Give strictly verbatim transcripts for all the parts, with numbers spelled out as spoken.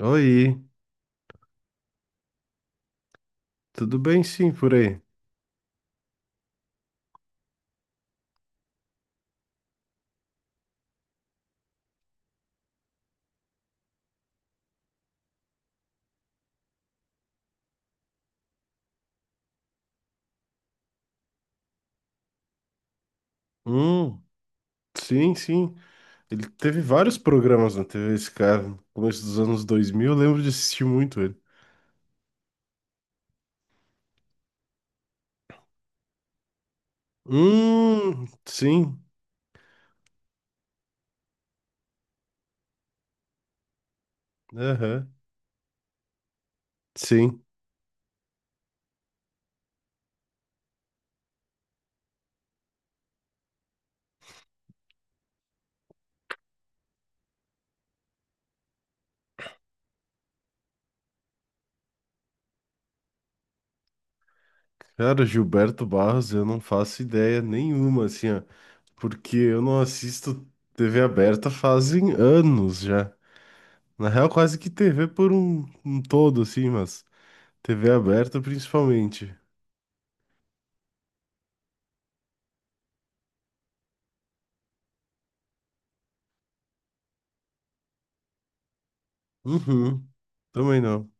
Oi, tudo bem sim por aí? Hum, sim, sim. Ele teve vários programas na T V, esse cara. No começo dos anos dois mil, eu lembro de assistir muito ele. Hum, sim. Aham, sim. Cara, Gilberto Barros, eu não faço ideia nenhuma, assim, ó. Porque eu não assisto T V aberta fazem anos já. Na real, quase que T V por um, um todo, assim, mas T V aberta principalmente. Uhum, também não.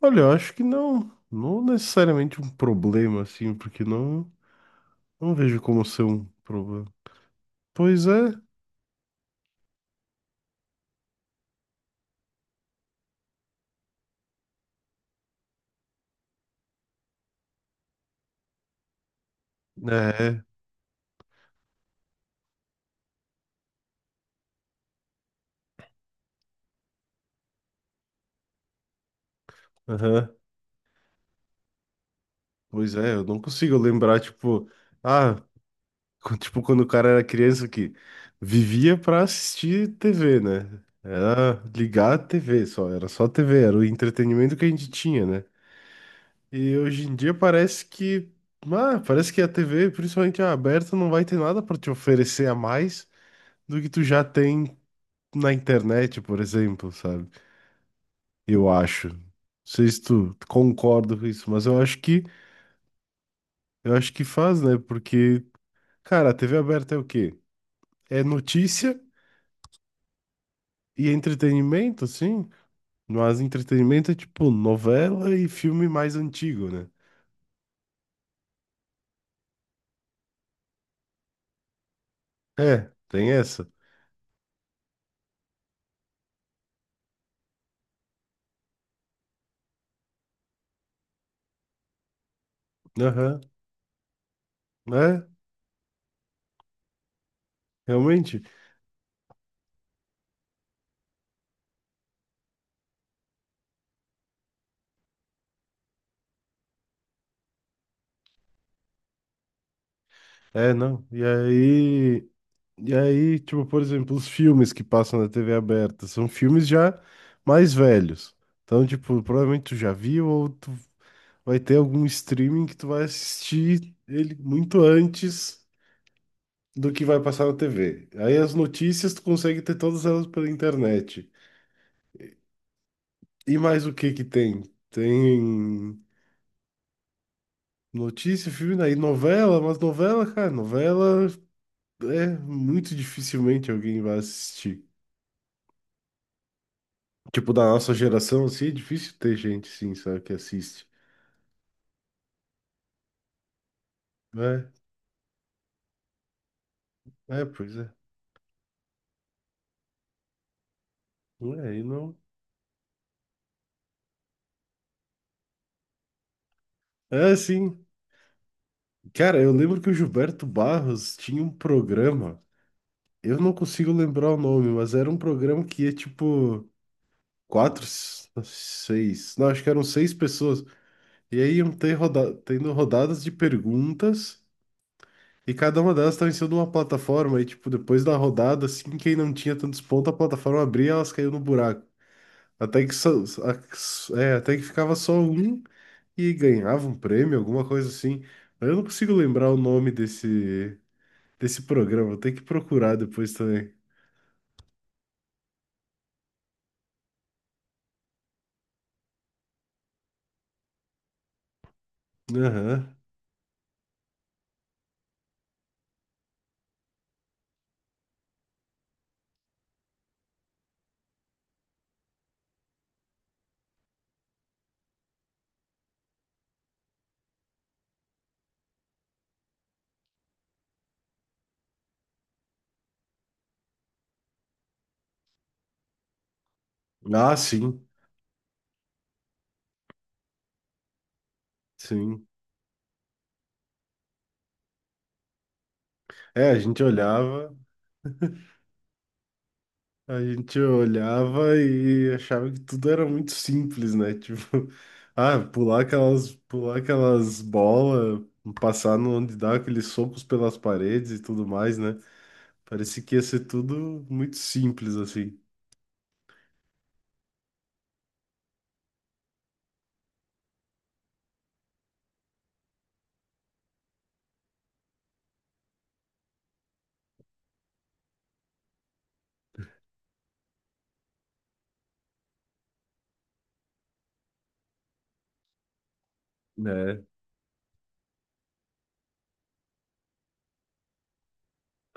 Olha, eu acho que não, não necessariamente um problema assim, porque não, não vejo como ser um problema. Pois é, é, aham, pois é, eu não consigo lembrar, tipo, ah, co- tipo quando o cara era criança que vivia pra assistir T V, né? Era ligar a T V só, era só T V, era o entretenimento que a gente tinha, né? E hoje em dia parece que, ah, parece que a T V, principalmente a aberta, não vai ter nada pra te oferecer a mais do que tu já tem na internet, por exemplo, sabe? Eu acho. Não sei se tu concorda com isso, mas eu acho que eu acho que faz, né? Porque, cara, a T V aberta é o quê? É notícia e entretenimento, sim. Mas entretenimento é tipo novela e filme mais antigo, né? É, tem essa. Aham. É, realmente. É, não. E aí. E aí, tipo, por exemplo, os filmes que passam na T V aberta são filmes já mais velhos. Então, tipo, provavelmente tu já viu ou tu vai ter algum streaming que tu vai assistir ele muito antes do que vai passar na T V. Aí as notícias tu consegue ter todas elas pela internet. E mais o que que tem? Tem notícia, filme, aí novela, mas novela, cara, novela é muito dificilmente alguém vai assistir. Tipo, da nossa geração, assim, é difícil ter gente, sim, sabe, que assiste. É, é, pois é. É, aí não. É, sim. Cara, eu lembro que o Gilberto Barros tinha um programa. Eu não consigo lembrar o nome, mas era um programa que ia, tipo, quatro, s- seis. Não, acho que eram seis pessoas. E aí iam ter roda tendo rodadas de perguntas. E cada uma delas estava em cima de uma plataforma. E, tipo, depois da rodada, assim, quem não tinha tantos pontos, a plataforma abria e elas caíam no buraco. Até que, só- a- é, até que ficava só um e ganhava um prêmio, alguma coisa assim. Eu não consigo lembrar o nome desse, desse programa, vou ter que procurar depois também. Aham. Ah, sim, sim. É, a gente olhava, a gente olhava e achava que tudo era muito simples, né? Tipo, ah, pular aquelas, pular aquelas bolas, passar no onde dá aqueles socos pelas paredes e tudo mais, né? Parecia que ia ser tudo muito simples, assim, né?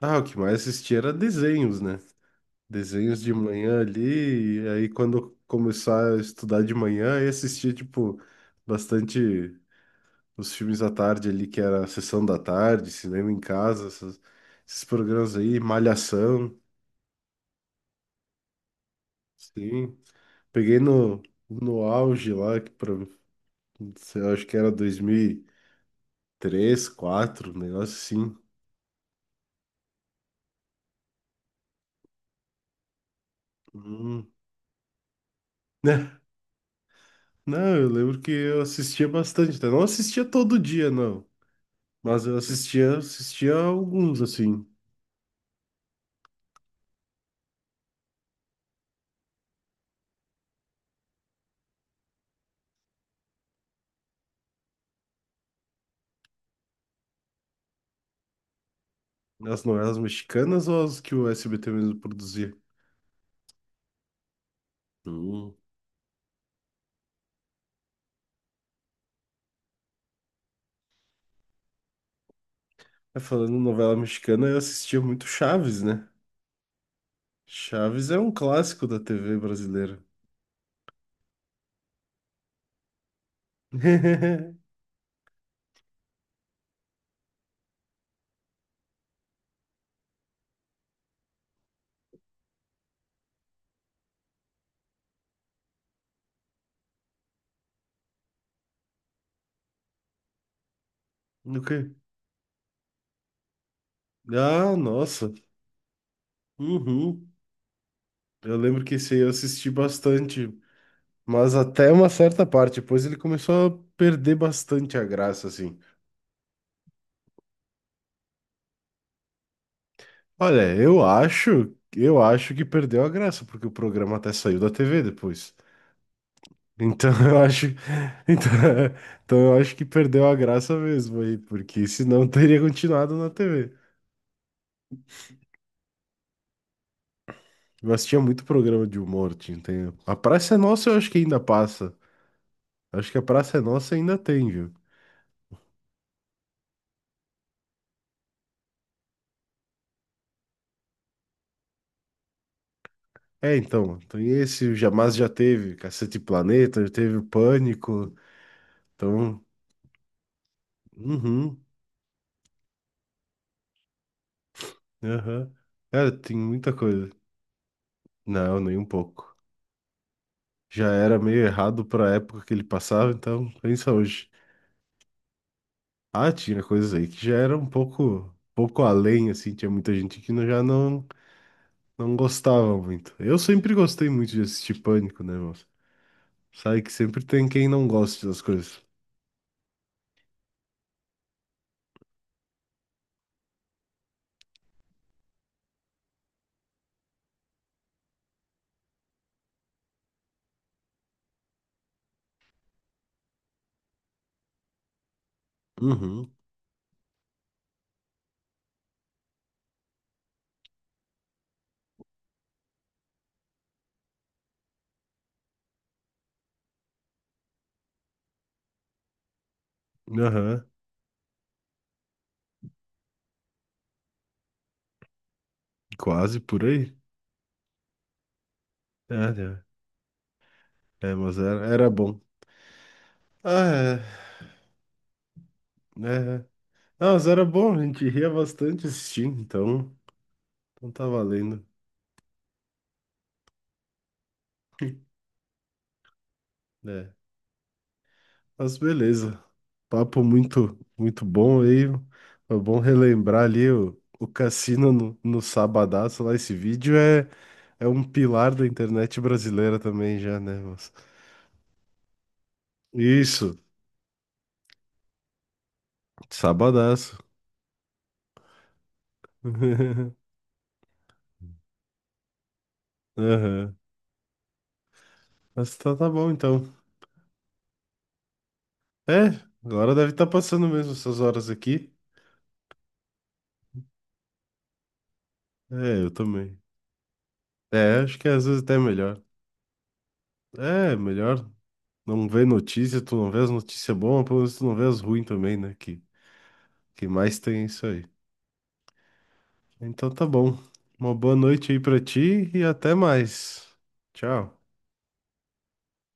Ah, o que mais assistia era desenhos, né? Desenhos de manhã ali, e aí quando eu começar a estudar de manhã, aí assistia, tipo, bastante os filmes da tarde ali, que era a sessão da tarde, cinema em casa, essas- esses programas aí, Malhação, sim. Peguei no, no auge lá, que pra, sei lá, acho que era dois mil e três, dois mil e quatro, um negócio assim. Hum. Não, eu lembro que eu assistia bastante, tá? Não assistia todo dia, não. Mas eu assistia, assistia alguns, assim. As novelas mexicanas ou as que o S B T mesmo produzia? Hum. É, falando em novela mexicana, eu assistia muito Chaves, né? Chaves é um clássico da T V brasileira. O quê? Ah, nossa. Uhum. Eu lembro que esse aí eu assisti bastante, mas até uma certa parte. Depois ele começou a perder bastante a graça, assim. Olha, eu acho, eu acho que perdeu a graça, porque o programa até saiu da T V depois. Então eu acho, então, então eu acho que perdeu a graça mesmo aí, porque senão teria continuado na T V. Mas tinha muito programa de humor, tinha, tem- A Praça é Nossa eu acho que ainda passa. Acho que a Praça é Nossa ainda tem, viu? É, então, tem esse, o Jamais já teve, Cacete e Planeta, já teve o Pânico, então, uhum, aham. Cara, tem muita coisa. Não, nem um pouco. Já era meio errado para a época que ele passava, então pensa hoje. Ah, tinha coisas aí que já era um pouco, pouco além, assim, tinha muita gente que não- já não, não gostava muito. Eu sempre gostei muito de assistir Pânico, né, moça? Sabe que sempre tem quem não gosta das coisas. Uhum, aham, quase por aí. É, é, é, mas era, era bom. Ah, é, é. Não, mas era bom, a gente ria bastante assistindo, então, então tá valendo. É, mas beleza. Papo muito, muito bom aí. É bom relembrar ali o, o cassino no, no Sabadaço lá. Esse vídeo é, é um pilar da internet brasileira também já, né, moço? Isso, Sabadaço. Aham. Mas tá, tá bom então. É, agora deve estar passando mesmo essas horas aqui. É, eu também. É, acho que às vezes até é melhor. É, melhor não ver notícia, tu não vê as notícias boas, pelo menos tu não vê as ruins também, né? Que, que mais tem é isso aí. Então tá bom. Uma boa noite aí pra ti e até mais. Tchau.